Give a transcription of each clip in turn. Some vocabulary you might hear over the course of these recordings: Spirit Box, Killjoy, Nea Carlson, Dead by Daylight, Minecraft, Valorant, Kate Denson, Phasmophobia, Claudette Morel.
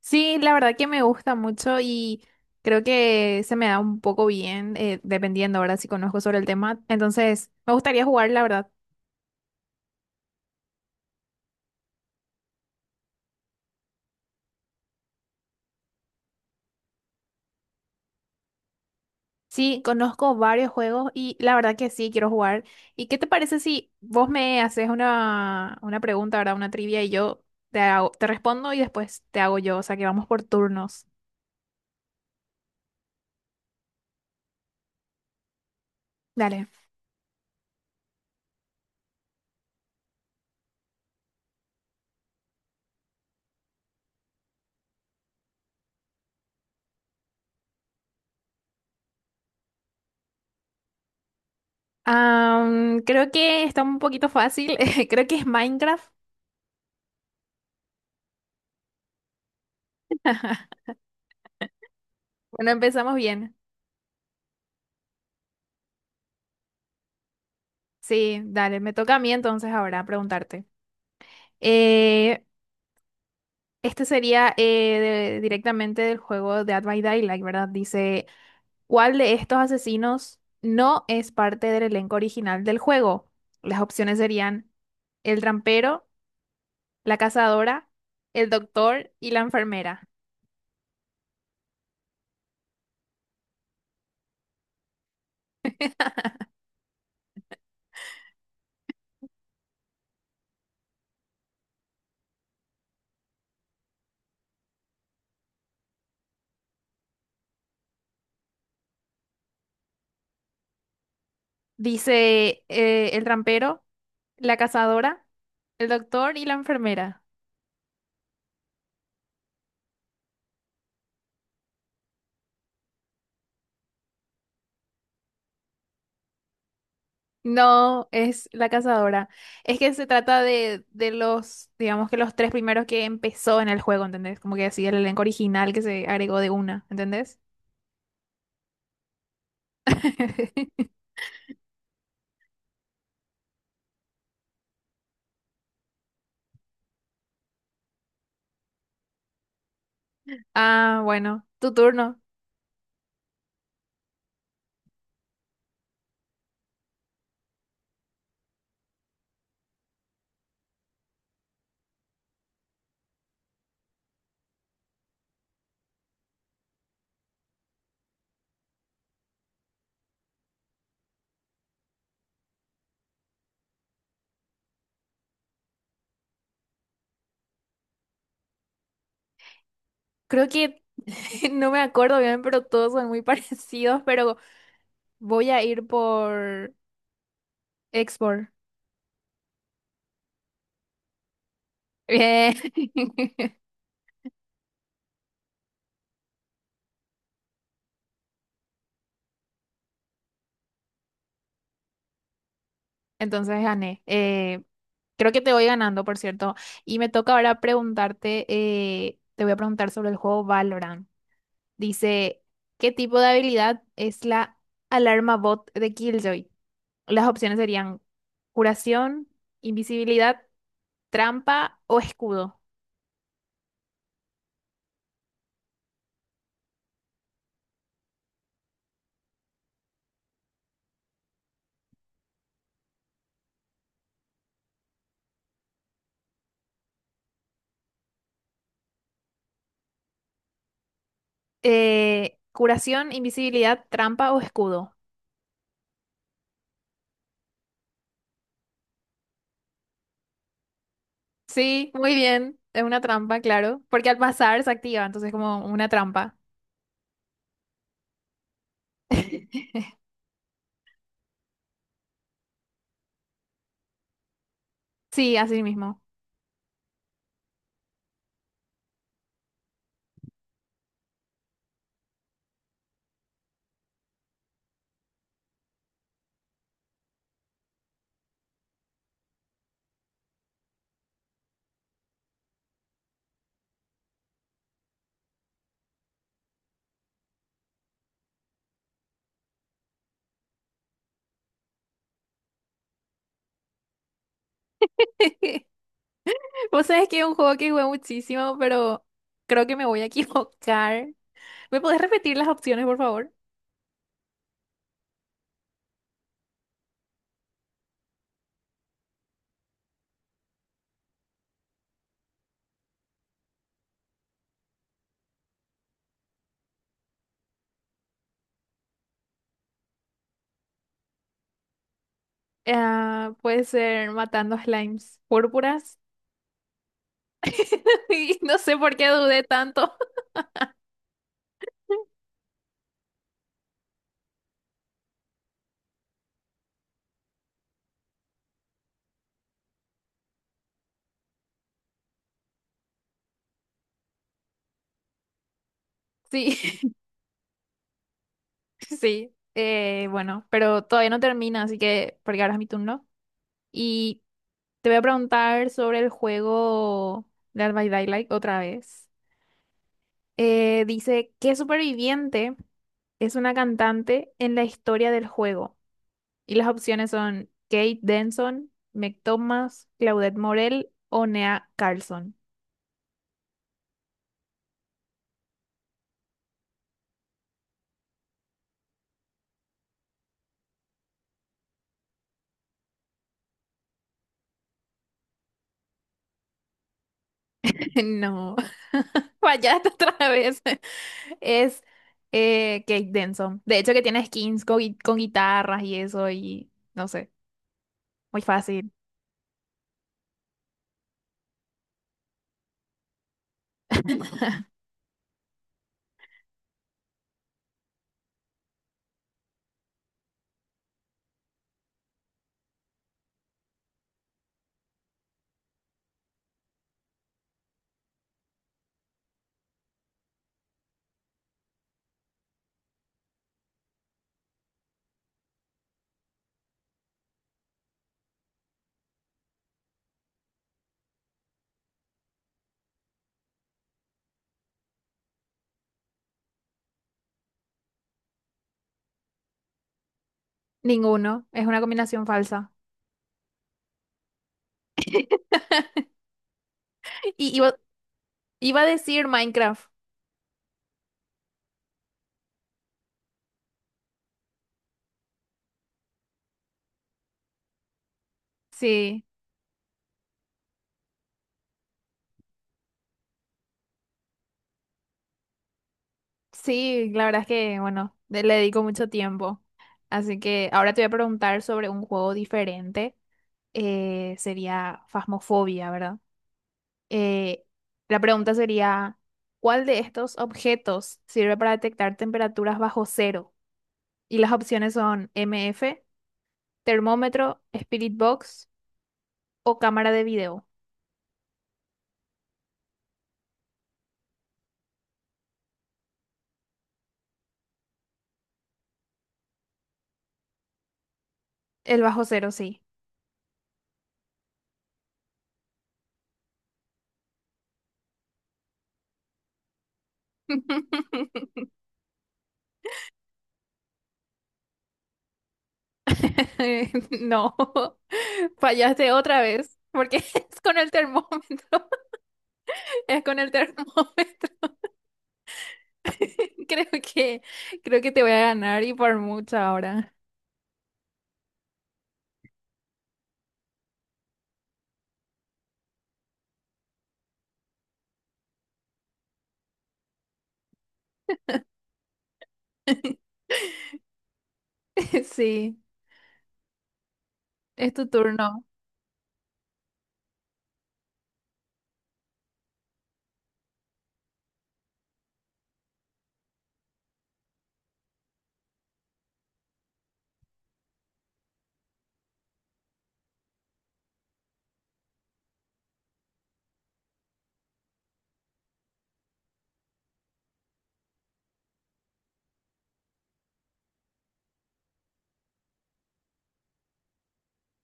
Sí, la verdad que me gusta mucho y creo que se me da un poco bien, dependiendo, ¿verdad? Si conozco sobre el tema. Entonces, me gustaría jugar, la verdad. Sí, conozco varios juegos y la verdad que sí, quiero jugar. ¿Y qué te parece si vos me haces una pregunta, ¿verdad? Una trivia y yo te respondo y después te hago yo. O sea, que vamos por turnos. Dale. Creo que está un poquito fácil. Creo que es Minecraft. Bueno, empezamos bien. Sí, dale, me toca a mí entonces ahora preguntarte. Eh, este sería directamente del juego Dead by Daylight, ¿verdad? Dice, ¿cuál de estos asesinos no es parte del elenco original del juego? Las opciones serían el trampero, la cazadora, el doctor y la enfermera. Dice el trampero, la cazadora, el doctor y la enfermera. No, es La Cazadora. Es que se trata de, los, digamos que los tres primeros que empezó en el juego, ¿entendés? Como que así el elenco original que se agregó de una, ¿entendés? Ah, bueno, tu turno. Creo que no me acuerdo bien, pero todos son muy parecidos, pero voy a ir por Export. Bien. Entonces gané. Creo que te voy ganando, por cierto. Y me toca ahora preguntarte, te voy a preguntar sobre el juego Valorant. Dice, ¿qué tipo de habilidad es la alarma bot de Killjoy? Las opciones serían curación, invisibilidad, trampa o escudo. Curación, invisibilidad, trampa o escudo. Sí, muy bien. Es una trampa, claro. Porque al pasar se activa, entonces como una trampa. Sí, así mismo. Vos sabés que es un juego que jugué muchísimo, pero creo que me voy a equivocar. ¿Me podés repetir las opciones, por favor? Ah, puede ser matando slimes púrpuras. Y no sé por qué dudé tanto. Sí, sí. Bueno, pero todavía no termina, así que porque ahora es mi turno. Y te voy a preguntar sobre el juego Dead by Daylight otra vez. Dice, ¿qué superviviente es una cantante en la historia del juego? Y las opciones son Kate Denson, Meg Thomas, Claudette Morel o Nea Carlson. No, fallaste otra vez. Es Kate Denson. De hecho, que tiene skins con, con guitarras y eso, y no sé, muy fácil. Ninguno, es una combinación falsa. Y iba a decir Minecraft. Sí, sí, la verdad es que, bueno, le dedico mucho tiempo. Así que ahora te voy a preguntar sobre un juego diferente. Sería Phasmophobia, ¿verdad? Eh, la pregunta sería, ¿cuál de estos objetos sirve para detectar temperaturas bajo cero? Y las opciones son MF termómetro, Spirit Box o cámara de video. El bajo cero, sí. No, fallaste otra vez, porque es con el termómetro, es con el termómetro. Creo que, creo que te voy a ganar y por mucho ahora. Sí, es tu turno.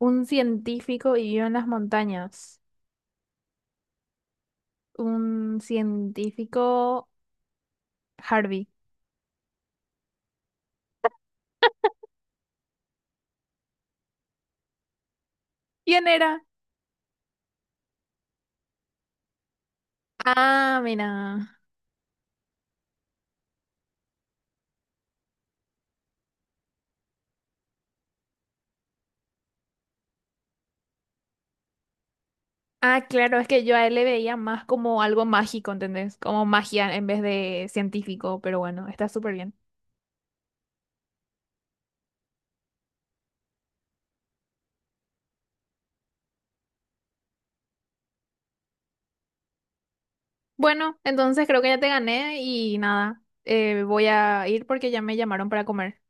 Un científico vivió en las montañas. Un científico Harvey. ¿Quién era? Ah, mira. Ah, claro, es que yo a él le veía más como algo mágico, ¿entendés? Como magia en vez de científico, pero bueno, está súper bien. Bueno, entonces creo que ya te gané y nada, voy a ir porque ya me llamaron para comer.